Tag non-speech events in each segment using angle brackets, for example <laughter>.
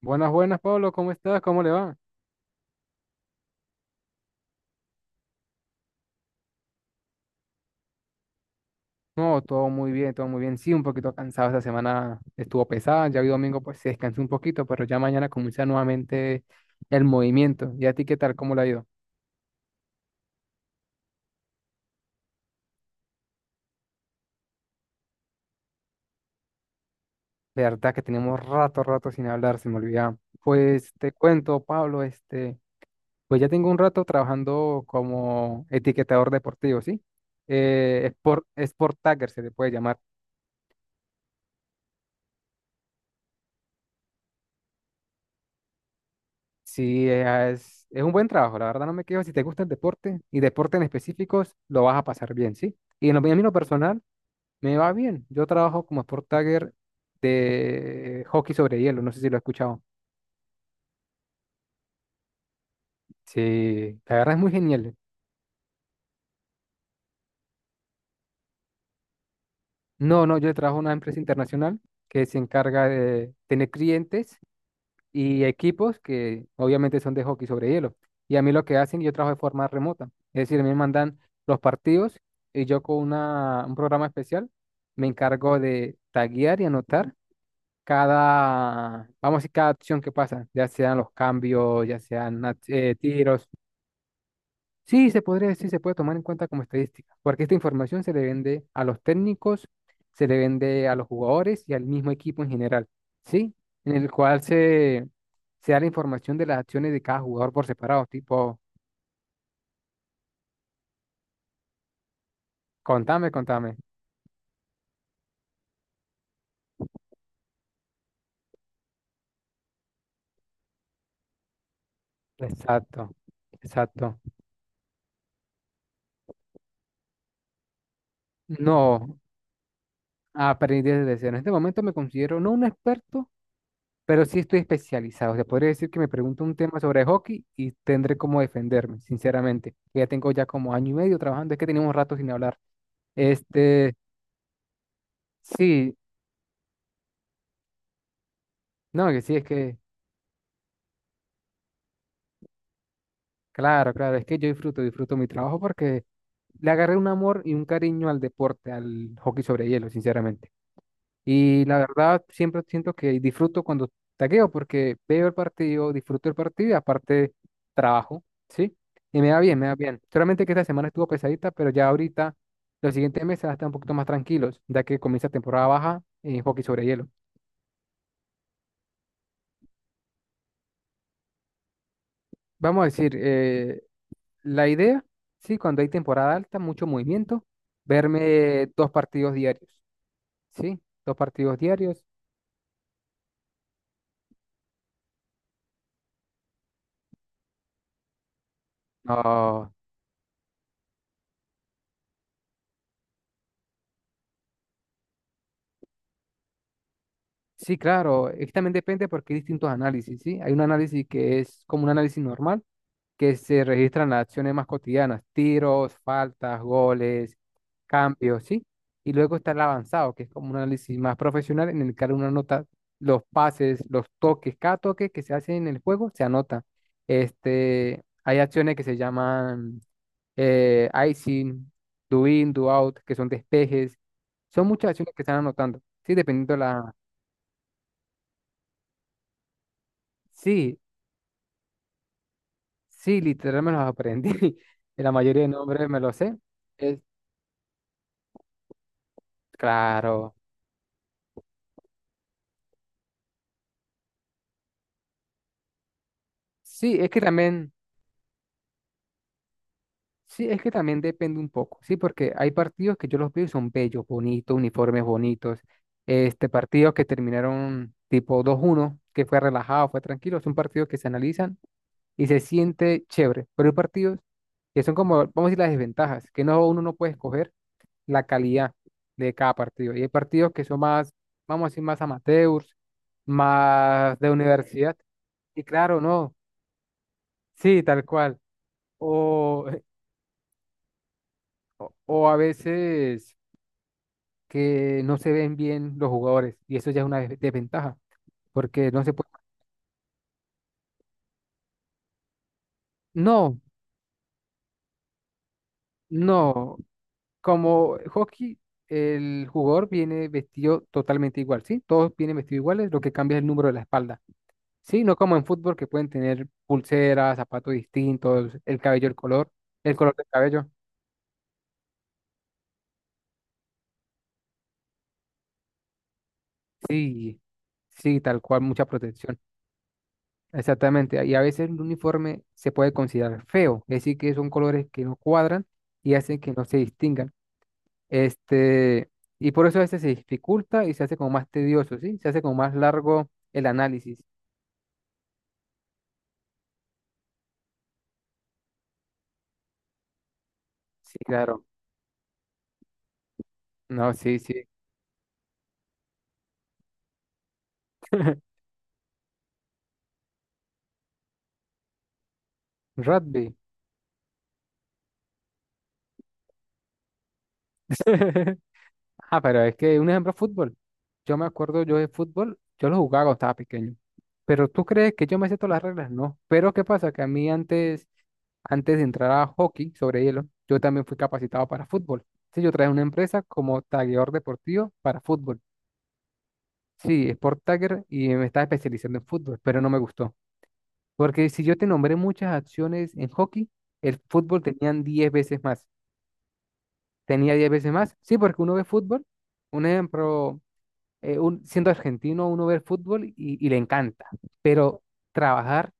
Buenas, buenas, Pablo, ¿cómo estás? ¿Cómo le va? No, todo muy bien, todo muy bien. Sí, un poquito cansado esta semana, estuvo pesada, ya hoy domingo pues se descansó un poquito, pero ya mañana comienza nuevamente el movimiento. ¿Y a ti qué tal? ¿Cómo le ha ido? De verdad que tenemos rato, rato sin hablar, se me olvidaba. Pues te cuento, Pablo, este, pues ya tengo un rato trabajando como etiquetador deportivo, ¿sí? Sport tagger se le puede llamar. Sí, ah, es un buen trabajo, la verdad no me quejo. Si te gusta el deporte y deporte en específicos, lo vas a pasar bien, ¿sí? A mí en lo personal, me va bien. Yo trabajo como sport tagger de hockey sobre hielo, no sé si lo he escuchado. Sí, la verdad es muy genial. No, no, yo trabajo en una empresa internacional que se encarga de tener clientes y equipos que obviamente son de hockey sobre hielo. Y a mí lo que hacen, yo trabajo de forma remota. Es decir, a mí me mandan los partidos y yo con un programa especial me encargo de taguear y anotar cada, vamos a decir, cada acción que pasa, ya sean los cambios, ya sean tiros. Sí, se podría decir, se puede tomar en cuenta como estadística, porque esta información se le vende a los técnicos, se le vende a los jugadores y al mismo equipo en general, ¿sí? En el cual se da la información de las acciones de cada jugador por separado, tipo, contame, contame. Exacto, exacto. No, aprendí desde cero. En este momento me considero no un experto, pero sí estoy especializado. O sea, podría decir que me pregunto un tema sobre hockey y tendré cómo defenderme, sinceramente. Que ya tengo ya como año y medio trabajando, es que tenemos rato sin hablar. Este, sí, no, que sí, es que, claro, claro, es que yo disfruto mi trabajo porque le agarré un amor y un cariño al deporte, al hockey sobre hielo, sinceramente. Y la verdad, siempre siento que disfruto cuando tagueo, porque veo el partido, disfruto el partido y aparte trabajo, ¿sí? Y me va bien, me va bien. Solamente que esta semana estuvo pesadita, pero ya ahorita, los siguientes meses van a estar un poquito más tranquilos, ya que comienza temporada baja en hockey sobre hielo. Vamos a decir, la idea, sí, cuando hay temporada alta, mucho movimiento, verme dos partidos diarios, ¿sí? Dos partidos diarios. No. Sí, claro, es que también depende porque hay distintos análisis, ¿sí? Hay un análisis que es como un análisis normal, que se registran las acciones más cotidianas, tiros, faltas, goles, cambios, ¿sí? Y luego está el avanzado, que es como un análisis más profesional en el que uno anota los pases, los toques, cada toque que se hace en el juego se anota. Este, hay acciones que se llaman icing, do in, do out, que son despejes. Son muchas acciones que están anotando, ¿sí? Dependiendo la... Sí, sí, literal me los aprendí. <laughs> Y la mayoría de nombres me los sé. Es, claro. Sí, es que también, sí, es que también depende un poco. Sí, porque hay partidos que yo los veo y son bellos, bonitos, uniformes bonitos. Este, partidos que terminaron tipo 2-1, que fue relajado, fue tranquilo. Son partidos que se analizan y se siente chévere. Pero hay partidos que son como, vamos a decir, las desventajas, que no, uno no puede escoger la calidad de cada partido. Y hay partidos que son más, vamos a decir, más amateurs, más de universidad. Y claro, no, sí, tal cual. O, o a veces que no se ven bien los jugadores y eso ya es una desventaja, porque no se puede... No, no, como hockey, el jugador viene vestido totalmente igual, ¿sí? Todos vienen vestidos iguales, lo que cambia es el número de la espalda. Sí, no como en fútbol que pueden tener pulseras, zapatos distintos, el cabello, el color del cabello. Sí, sí, tal cual, mucha protección. Exactamente. Y a veces el uniforme se puede considerar feo, es decir, que son colores que no cuadran y hacen que no se distingan. Este, y por eso a veces se dificulta y se hace como más tedioso, ¿sí? Se hace como más largo el análisis. Sí, claro. No, sí, sí. <laughs> Rugby. <laughs> Ah, pero es que un ejemplo, fútbol. Yo me acuerdo yo de fútbol, yo lo jugaba cuando estaba pequeño. Pero tú crees que yo me sé todas las reglas, no. Pero ¿qué pasa? Que a mí antes de entrar a hockey sobre hielo, yo también fui capacitado para fútbol. Sí, yo traje una empresa como tagueador deportivo para fútbol. Sí, Sport Tagger, y me estaba especializando en fútbol, pero no me gustó. Porque si yo te nombré muchas acciones en hockey, el fútbol tenían 10 veces más. Tenía 10 veces más. Sí, porque uno ve fútbol. Un ejemplo. Siendo argentino, uno ve el fútbol y le encanta, pero trabajar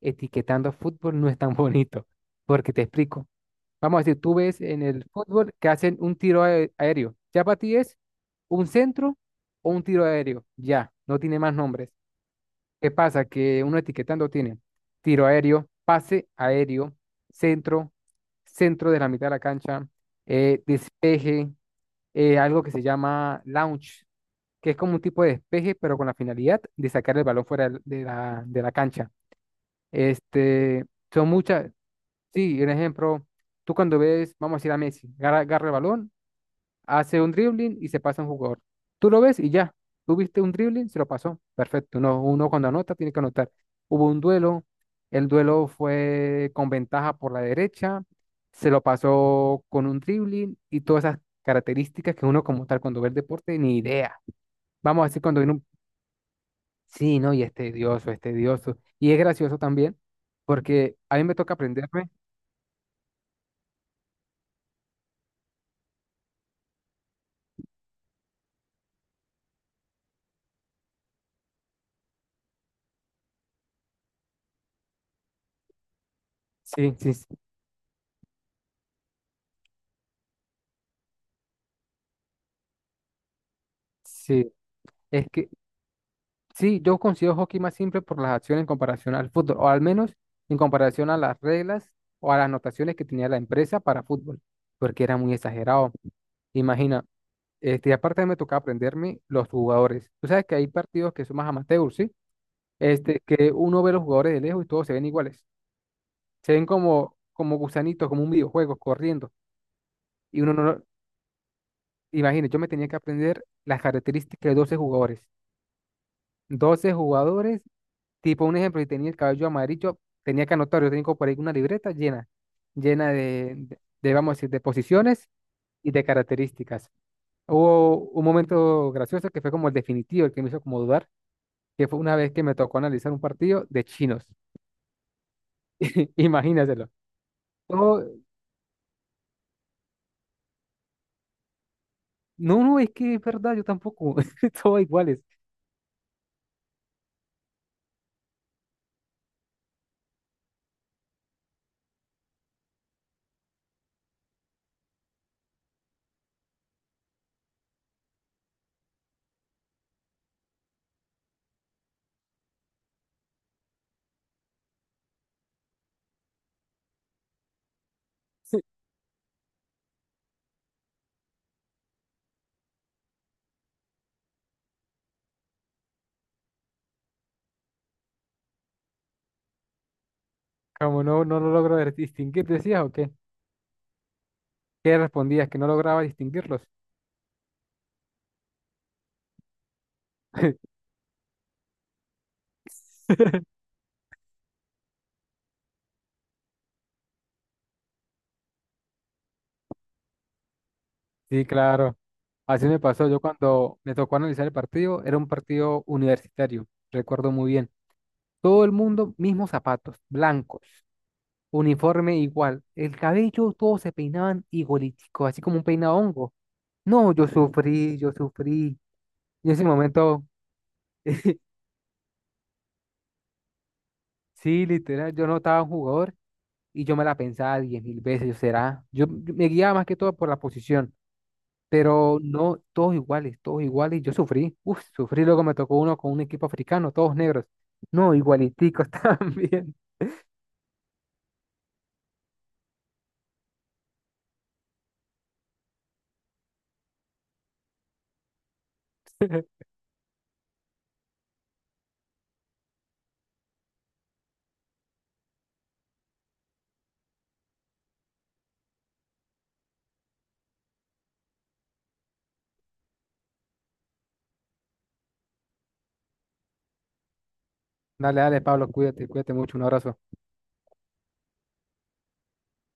etiquetando fútbol no es tan <laughs> bonito, porque te explico. Vamos a decir, tú ves en el fútbol que hacen un tiro aéreo. Ya para ti es un centro o un tiro aéreo. Ya, no tiene más nombres. ¿Qué pasa? Que uno etiquetando tiene tiro aéreo, pase aéreo, centro, centro de la mitad de la cancha, despeje, algo que se llama launch, que es como un tipo de despeje, pero con la finalidad de sacar el balón fuera de la cancha. Este, son muchas, sí, un ejemplo, tú cuando ves, vamos a decir a Messi, agarra el balón, hace un dribbling y se pasa a un jugador. Tú lo ves y ya, tú viste un dribbling, se lo pasó, perfecto. Uno cuando anota tiene que anotar. Hubo un duelo, el duelo fue con ventaja por la derecha, se lo pasó con un dribbling y todas esas características que uno como tal cuando ve el deporte ni idea. Vamos a decir cuando viene... Sí, no, y es tedioso, es tedioso. Y es gracioso también, porque a mí me toca aprenderme. Sí, sí, sí. Sí. Es que sí, yo considero hockey más simple por las acciones en comparación al fútbol, o al menos en comparación a las reglas o a las anotaciones que tenía la empresa para fútbol, porque era muy exagerado. Imagina, este, aparte me tocaba aprenderme los jugadores. Tú sabes que hay partidos que son más amateurs, ¿sí? Este, que uno ve los jugadores de lejos y todos se ven iguales. Se ven como, gusanitos, como un videojuego, corriendo y uno no... Imagínate, yo me tenía que aprender las características de 12 jugadores. 12 jugadores, tipo un ejemplo, si tenía el cabello amarillo, tenía que anotar. Yo tengo por ahí una libreta llena de, vamos a decir, de posiciones y de características. Hubo un momento gracioso que fue como el definitivo, el que me hizo como dudar, que fue una vez que me tocó analizar un partido de chinos. <laughs> Imagínatelo. Todo- no, no, es que es verdad, yo tampoco, <laughs> todos iguales. Como no, no lo logro distinguir, decías, ok. ¿Qué respondías? Que no lograba distinguirlos. <laughs> Sí, claro. Así me pasó. Yo cuando me tocó analizar el partido, era un partido universitario, recuerdo muy bien. Todo el mundo, mismos zapatos, blancos, uniforme igual. El cabello, todos se peinaban igualitico, así como un peinado hongo. No, yo sufrí, yo sufrí. Y en ese momento, <laughs> sí, literal, yo notaba un jugador y yo me la pensaba 10.000 veces, yo será. Yo me guiaba más que todo por la posición. Pero no, todos iguales, todos iguales. Yo sufrí, uff, sufrí, luego me tocó uno con un equipo africano, todos negros. No, igualiticos <laughs> también. Dale, dale, Pablo, cuídate, cuídate mucho, un abrazo.